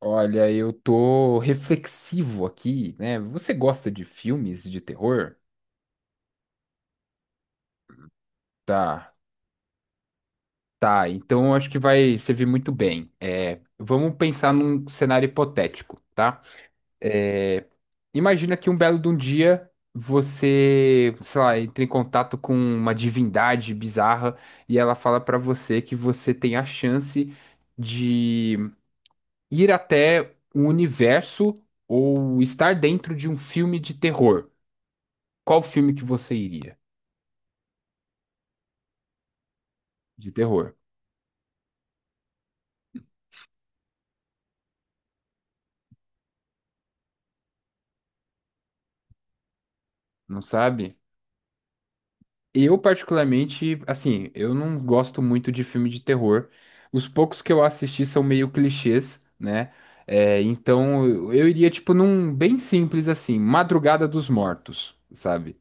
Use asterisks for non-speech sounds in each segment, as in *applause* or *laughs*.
Olha, eu tô reflexivo aqui, né? Você gosta de filmes de terror? Tá, tá. Então eu acho que vai servir muito bem. É, vamos pensar num cenário hipotético, tá? É, imagina que um belo de um dia você, sei lá, entra em contato com uma divindade bizarra e ela fala pra você que você tem a chance de ir até um universo ou estar dentro de um filme de terror. Qual filme que você iria de terror? Não sabe? Eu, particularmente, assim, eu não gosto muito de filme de terror. Os poucos que eu assisti são meio clichês, né? É, então eu iria, tipo, num bem simples assim, Madrugada dos Mortos, sabe?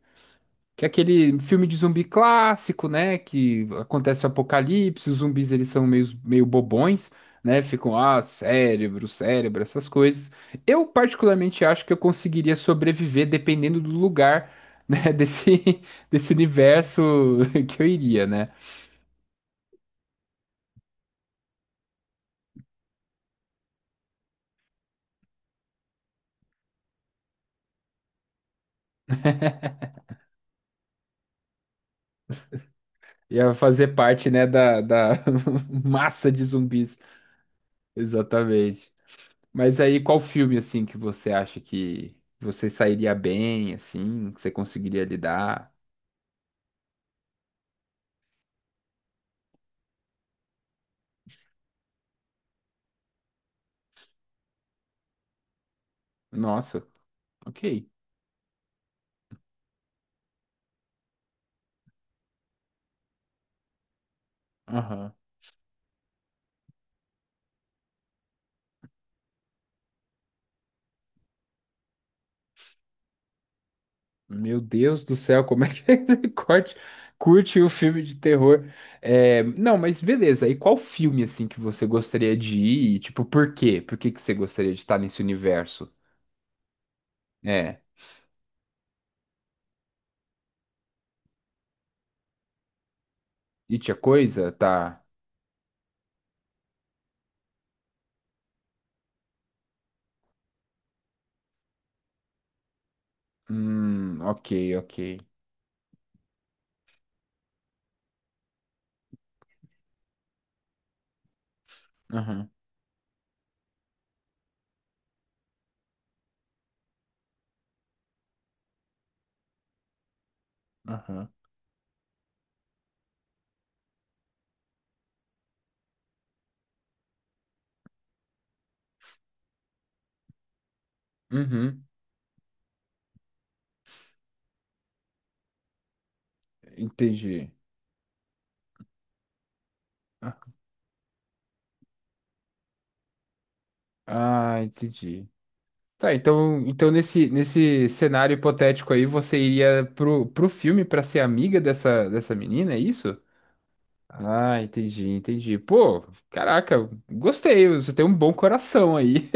Que é aquele filme de zumbi clássico, né? Que acontece o apocalipse, os zumbis eles são meio bobões, né? Ficam, ah, cérebro, cérebro, essas coisas. Eu particularmente acho que eu conseguiria sobreviver dependendo do lugar, né? *laughs* Desse universo *laughs* que eu iria, né? Ia fazer parte, né, da *laughs* massa de zumbis. Exatamente. Mas aí, qual filme, assim, que você acha que você sairia bem, assim, que você conseguiria lidar? Nossa, ok. Aham. Meu Deus do céu, como é que *laughs* curte o filme de terror? É, não, mas beleza. E qual filme assim que você gostaria de ir? E, tipo, por quê? Por que que você gostaria de estar nesse universo? É. E tinha coisa? Tá. Ok, ok. Aham, aham. Uhum, entendi. Ah, ah, entendi. Tá, então, nesse cenário hipotético aí, você iria pro filme pra ser amiga dessa menina, é isso? Ah, entendi, entendi. Pô, caraca, gostei, você tem um bom coração aí.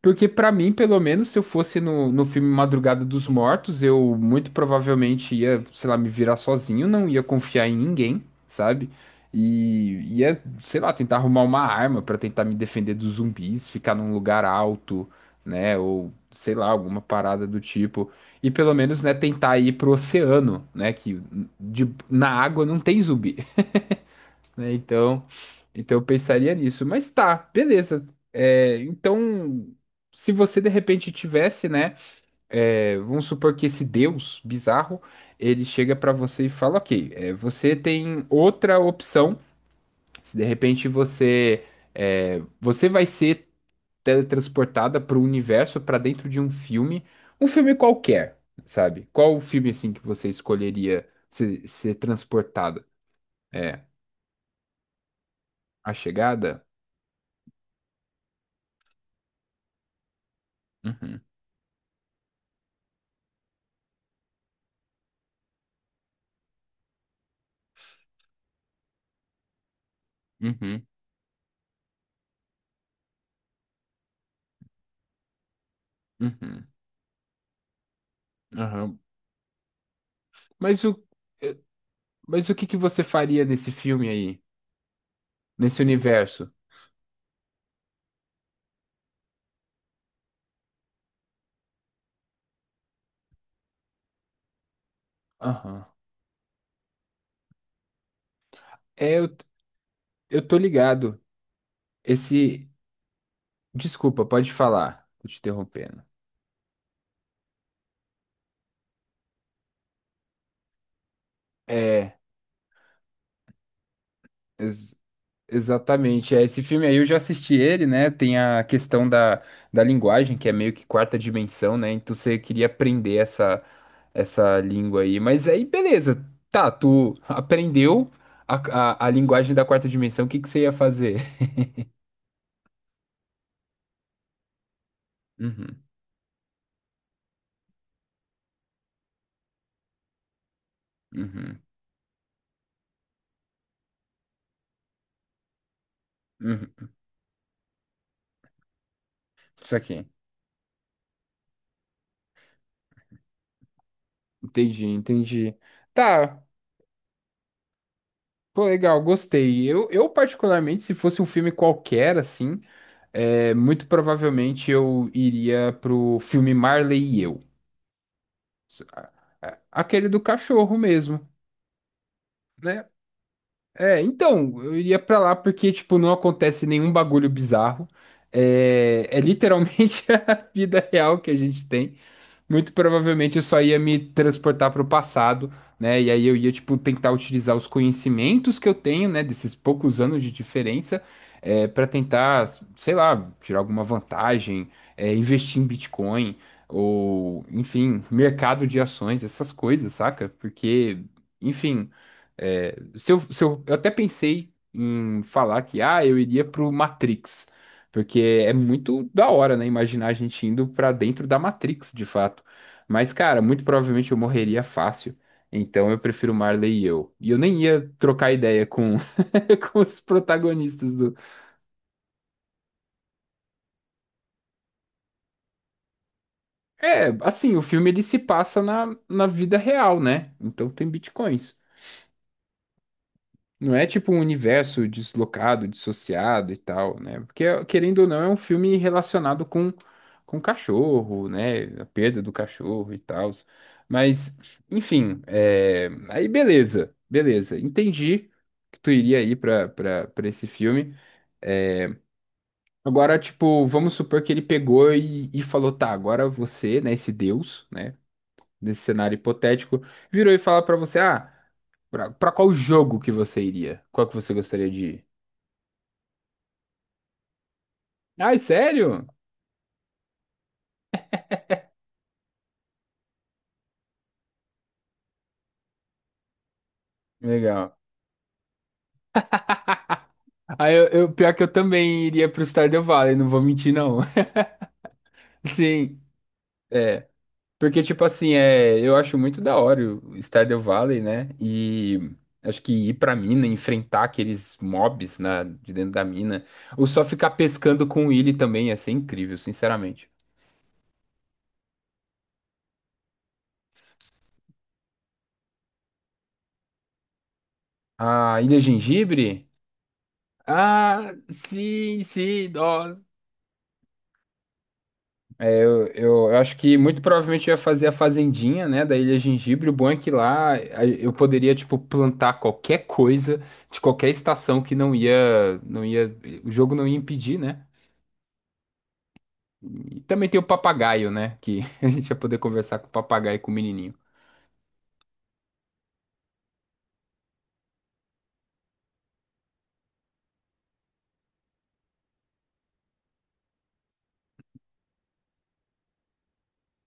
Porque pra mim, pelo menos, se eu fosse no filme Madrugada dos Mortos, eu muito provavelmente ia, sei lá, me virar sozinho, não ia confiar em ninguém, sabe? E ia, sei lá, tentar arrumar uma arma pra tentar me defender dos zumbis, ficar num lugar alto, né? Ou sei lá, alguma parada do tipo. E pelo menos, né, tentar ir pro oceano, né? Na água não tem zumbi, né? Então, eu pensaria nisso. Mas tá, beleza. É, então, se você de repente tivesse, né? É, vamos supor que esse Deus bizarro, ele chega pra você e fala, ok, é, você tem outra opção. Se de repente você vai ser teletransportada para o universo, para dentro de um filme qualquer, sabe? Qual o filme assim que você escolheria ser transportada? É, A Chegada? Uhum. Uhum. Uhum, aham. Mas o, eh, mas o que que você faria nesse filme aí? Nesse universo? Aham. É, eu tô ligado. Esse. Desculpa, pode falar. Tô te interrompendo. É, ex- exatamente. É, esse filme aí eu já assisti ele, né? Tem a questão da linguagem, que é meio que quarta dimensão, né? Então você queria aprender essa língua aí. Mas aí, beleza. Tá, tu aprendeu a, a linguagem da quarta dimensão, o que que você ia fazer? *laughs* Uhum. Uhum, uhum. Isso aqui. Entendi, entendi. Tá, pô, legal, gostei. Eu particularmente, se fosse um filme qualquer, assim, é, muito provavelmente eu iria pro filme Marley e Eu. A- Aquele do cachorro mesmo, né? É, então, eu iria pra lá porque, tipo, não acontece nenhum bagulho bizarro. É literalmente *laughs* a vida real que a gente tem. Muito provavelmente eu só ia me transportar para o passado, né? E aí eu ia, tipo, tentar utilizar os conhecimentos que eu tenho, né, desses poucos anos de diferença, para tentar, sei lá, tirar alguma vantagem, é, investir em Bitcoin, ou, enfim, mercado de ações, essas coisas, saca? Porque, enfim, é, se eu, se eu, eu até pensei em falar que, ah, eu iria pro Matrix. Porque é muito da hora, né? Imaginar a gente indo pra dentro da Matrix, de fato. Mas, cara, muito provavelmente eu morreria fácil. Então eu prefiro Marley e eu. E eu nem ia trocar ideia *laughs* com os protagonistas do. É, assim, o filme ele se passa na vida real, né? Então tem bitcoins. Não é tipo um universo deslocado, dissociado e tal, né? Porque, querendo ou não, é um filme relacionado com cachorro, né? A perda do cachorro e tal. Mas, enfim, é, aí beleza, beleza. Entendi que tu iria ir pra esse filme. Agora, tipo, vamos supor que ele pegou e falou, tá, agora você, né, esse Deus, né? Nesse cenário hipotético, virou e fala pra você, ah, pra qual jogo que você iria? Qual que você gostaria de ir? Ai, sério? Legal. Aí pior que eu também iria pro Stardew Valley, não vou mentir, não. *laughs* Sim, porque, tipo assim, é, eu acho muito da hora o Stardew Valley, né? E acho que ir pra mina, enfrentar aqueles mobs de dentro da mina, ou só ficar pescando com o Willy também, ia ser incrível, sinceramente. A Ilha Gengibre? Ah, sim, sim, eu acho que muito provavelmente eu ia fazer a fazendinha, né, da Ilha Gengibre. O bom é que lá eu poderia, tipo, plantar qualquer coisa de qualquer estação que o jogo não ia impedir, né? E também tem o papagaio, né, que *laughs* a gente ia poder conversar com o papagaio e com o menininho.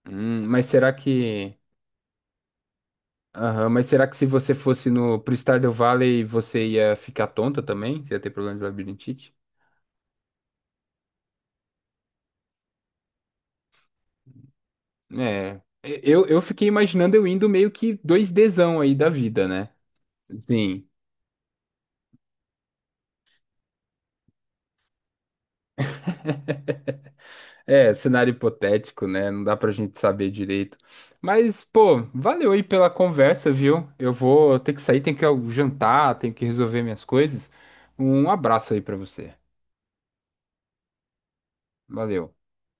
Hum, mas será que, aham, mas será que se você fosse no pro Stardew Valley você ia ficar tonta também? Você ia ter problema de labirintite? É, eu fiquei imaginando eu indo meio que dois dzão aí da vida, né? Sim, é cenário hipotético, né? Não dá pra gente saber direito. Mas, pô, valeu aí pela conversa, viu? Eu vou ter que sair, tenho que jantar, tenho que resolver minhas coisas. Um abraço aí pra você. Valeu.